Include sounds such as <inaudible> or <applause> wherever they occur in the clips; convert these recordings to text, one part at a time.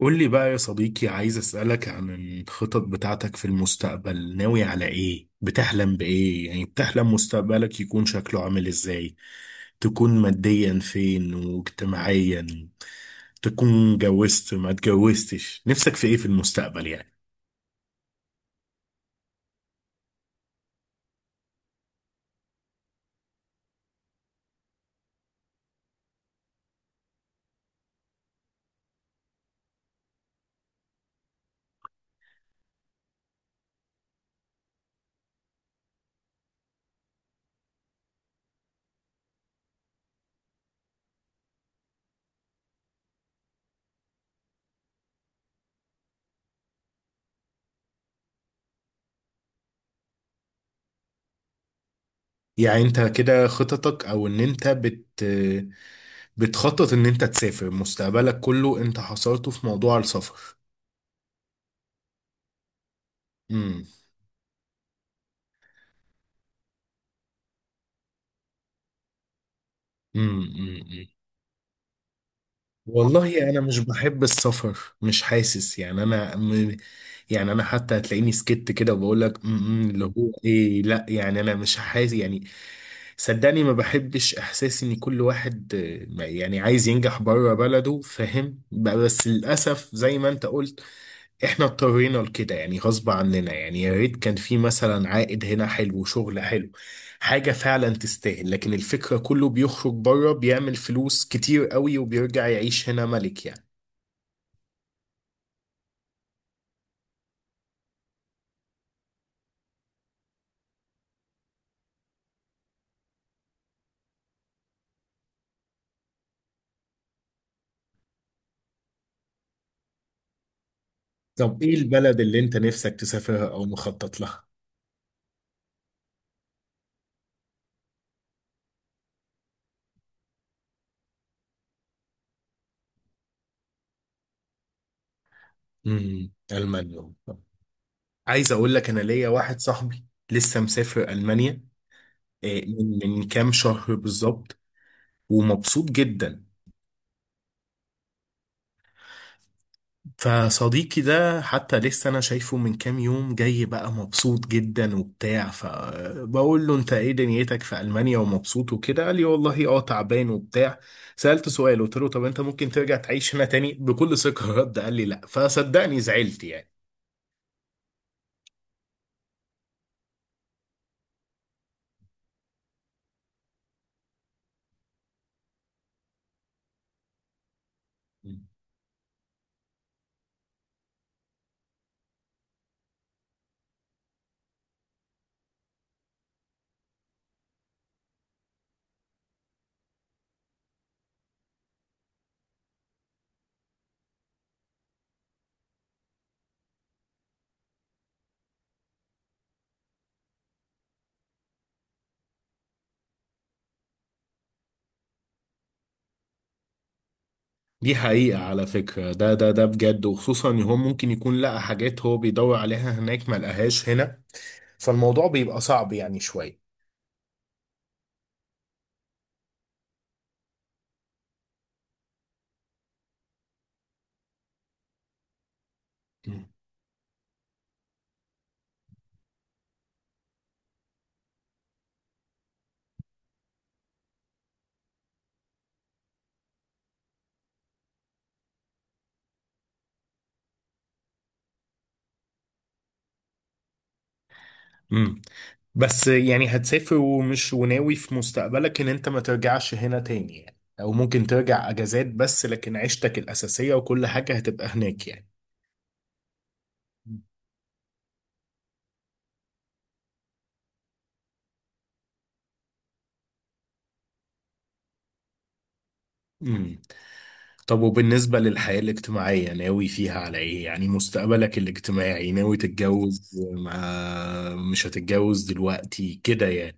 قول لي بقى يا صديقي، عايز أسألك عن الخطط بتاعتك في المستقبل. ناوي على إيه؟ بتحلم بإيه؟ يعني بتحلم مستقبلك يكون شكله عامل إزاي؟ تكون ماديا فين واجتماعيا؟ تكون اتجوزت ما اتجوزتش؟ نفسك في إيه في المستقبل يعني؟ يعني أنت كده خططك، أو إن أنت بتخطط إن أنت تسافر، مستقبلك كله أنت حصرته في موضوع السفر. امم، امم، والله انا مش بحب السفر، مش حاسس يعني يعني انا حتى هتلاقيني سكت كده وبقول لك اللي هو ايه، لا، يعني انا مش حاسس يعني. صدقني ما بحبش احساس ان كل واحد يعني عايز ينجح بره بلده، فاهم بقى؟ بس للاسف زي ما انت قلت، احنا اضطرينا لكده يعني، غصب عننا يعني. يا ريت كان في مثلا عائد هنا حلو، شغل حلو، حاجة فعلا تستاهل، لكن الفكرة كله بيخرج بره بيعمل فلوس كتير قوي وبيرجع يعيش هنا ملك يعني. طب ايه البلد اللي انت نفسك تسافرها او مخطط لها؟ المانيا. عايز اقول لك، انا ليا واحد صاحبي لسه مسافر المانيا، من كام شهر بالظبط، ومبسوط جدا. فصديقي ده حتى لسه انا شايفه من كام يوم، جاي بقى مبسوط جدا وبتاع، فبقول له: انت ايه دنيتك في المانيا ومبسوط وكده؟ قال لي: والله اه، تعبان وبتاع. سألت سؤال، قلت له: طب انت ممكن ترجع تعيش هنا تاني؟ بكل ثقة رد، قال لي: لا. فصدقني زعلت يعني. دي حقيقة على فكرة، ده بجد، وخصوصا ان هو ممكن يكون لقى حاجات هو بيدور عليها هناك ما لقاهاش هنا، فالموضوع بيبقى صعب يعني شوية. امم بس يعني هتسافر، وناوي في مستقبلك ان انت ما ترجعش هنا تاني يعني، او ممكن ترجع اجازات بس، لكن عيشتك الاساسية وكل حاجة هتبقى هناك يعني؟ امم طب وبالنسبة للحياة الاجتماعية، ناوي فيها على ايه؟ يعني مستقبلك الاجتماعي ناوي تتجوز، مش هتتجوز دلوقتي كده يعني؟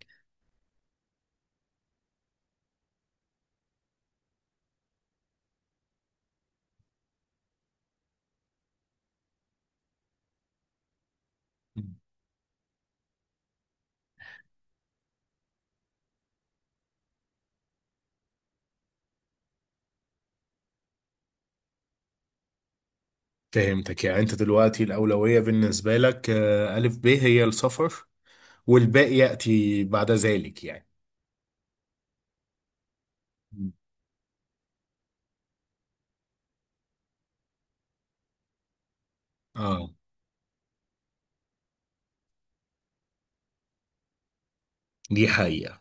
فهمتك. يعني انت دلوقتي الأولوية بالنسبة لك، ألف ب، هي السفر، والباقي يأتي بعد ذلك يعني. اه، دي حقيقة.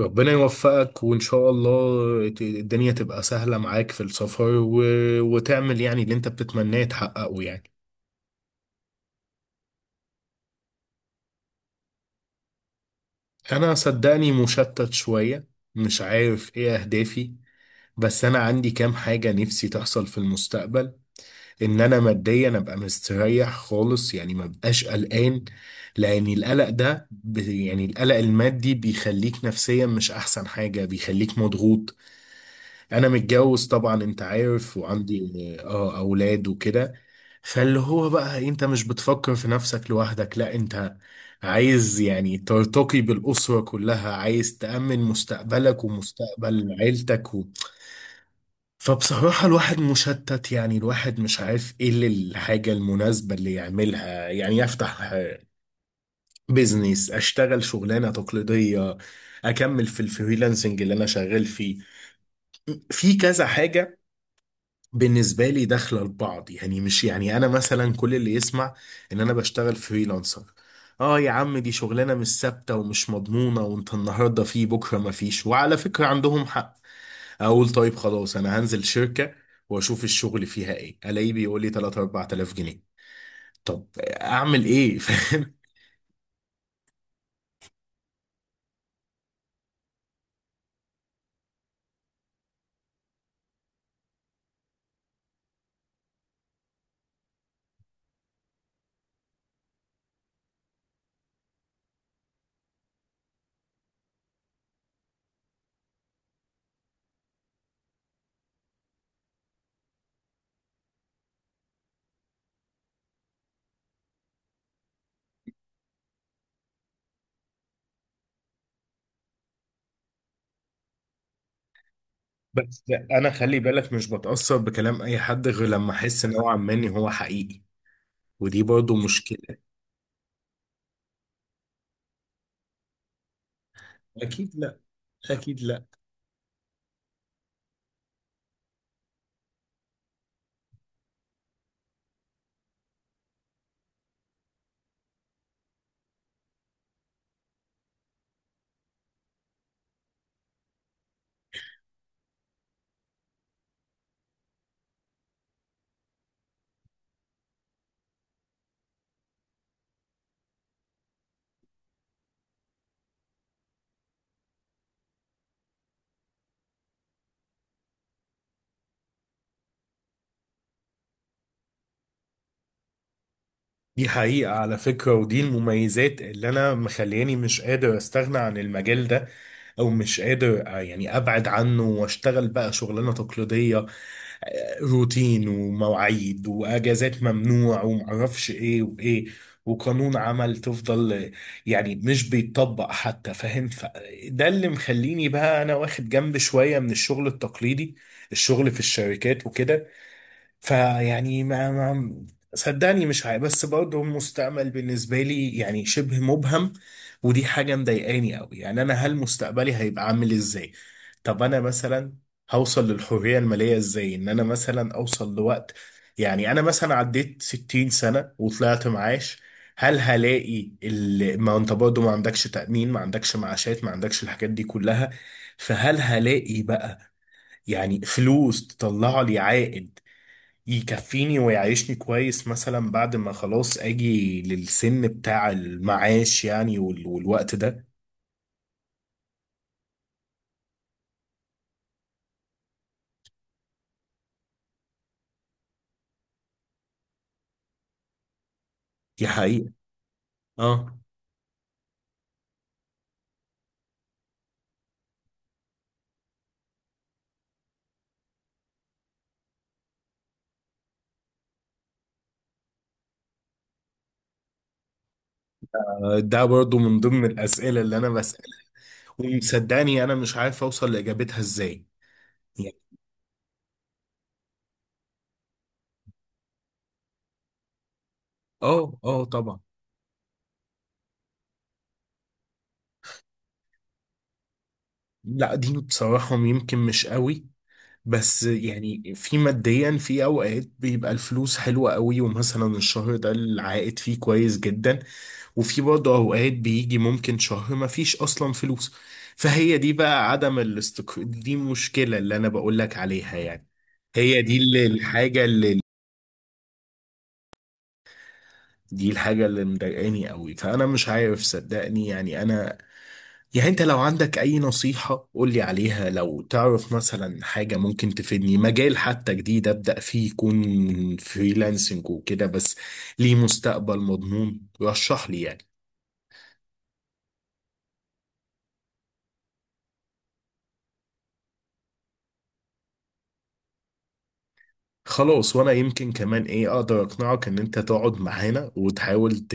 ربنا يوفقك، وإن شاء الله الدنيا تبقى سهلة معاك في السفر وتعمل يعني اللي أنت بتتمناه تحققه يعني. أنا صدقني مشتت شوية، مش عارف إيه أهدافي، بس أنا عندي كام حاجة نفسي تحصل في المستقبل. إن أنا ماديا أبقى مستريح خالص يعني، ما بقاش قلقان، لأن القلق ده يعني القلق المادي بيخليك نفسيا مش أحسن حاجة، بيخليك مضغوط. انا متجوز طبعا، انت عارف، وعندي اه اولاد وكده، فاللي هو بقى انت مش بتفكر في نفسك لوحدك، لا، انت عايز يعني ترتقي بالاسره كلها، عايز تامن مستقبلك ومستقبل عيلتك و. فبصراحه الواحد مشتت يعني، الواحد مش عارف ايه الحاجه المناسبه اللي يعملها يعني. يفتح بيزنس؟ اشتغل شغلانه تقليديه؟ اكمل في الفريلانسنج اللي انا شغال فيه؟ في كذا حاجه بالنسبة لي داخلة لبعض يعني. مش يعني أنا مثلا، كل اللي يسمع إن أنا بشتغل فريلانسر: آه يا عم، دي شغلانة مش ثابتة ومش مضمونة، وأنت النهاردة فيه بكرة مفيش. وعلى فكرة عندهم حق. أقول طيب خلاص أنا هنزل شركة وأشوف الشغل فيها إيه، ألاقيه بيقول لي 3 4000 جنيه. طب أعمل إيه؟ <laughs> فاهم؟ بس أنا خلي بالك مش بتأثر بكلام أي حد غير لما أحس نوعا ما إن هو حقيقي، ودي برضو مشكلة. أكيد لا، أكيد لا. دي حقيقة على فكرة، ودي المميزات اللي أنا مخلياني مش قادر أستغنى عن المجال ده، أو مش قادر يعني أبعد عنه وأشتغل بقى شغلانة تقليدية، روتين ومواعيد وأجازات ممنوع ومعرفش إيه وإيه، وقانون عمل تفضل يعني مش بيتطبق حتى، فاهم؟ فده اللي مخليني بقى أنا واخد جنب شوية من الشغل التقليدي، الشغل في الشركات وكده. فيعني ما صدقني مش عارف، بس برضه المستقبل بالنسبة لي يعني شبه مبهم، ودي حاجة مضايقاني قوي يعني. أنا هل مستقبلي هيبقى عامل إزاي؟ طب أنا مثلا هوصل للحرية المالية إزاي؟ إن أنا مثلا أوصل لوقت، يعني أنا مثلا عديت 60 سنة وطلعت معاش، هل هلاقي ما أنت برضه ما عندكش تأمين، ما عندكش معاشات، ما عندكش الحاجات دي كلها؟ فهل هلاقي بقى يعني فلوس تطلع لي عائد يكفيني ويعيشني كويس مثلا بعد ما خلاص اجي للسن بتاع المعاش يعني والوقت ده؟ دي حقيقة. اه، ده برضو من ضمن الأسئلة اللي أنا بسألها، ومصدقني أنا مش عارف أوصل لإجابتها إزاي يعني. اه، اه، طبعا. لا، دي بصراحة يمكن مش قوي، بس يعني في ماديا في اوقات بيبقى الفلوس حلوة قوي، ومثلا الشهر ده العائد فيه كويس جدا، وفي برضه اوقات بيجي ممكن شهر ما فيش اصلا فلوس، فهي دي بقى عدم الاستقرار، دي مشكلة اللي انا بقول لك عليها يعني. هي دي اللي- الحاجة اللي دي الحاجة اللي مضايقاني قوي، فانا مش عارف صدقني يعني انا. يعني انت لو عندك اي نصيحة قولي عليها، لو تعرف مثلا حاجة ممكن تفيدني، مجال حتى جديد ابدأ فيه يكون فريلانسنج وكده، بس ليه مستقبل مضمون، رشح لي يعني. خلاص، وانا يمكن كمان ايه اقدر اقنعك ان انت تقعد معانا وتحاول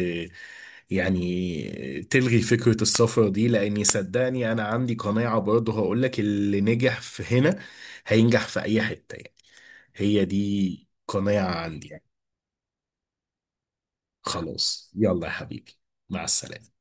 يعني تلغي فكرة السفر دي، لاني صدقني انا عندي قناعة برضه هقولك: اللي نجح في هنا هينجح في اي حتة يعني، هي دي قناعة عندي يعني. خلاص، يلا يا حبيبي، مع السلامة.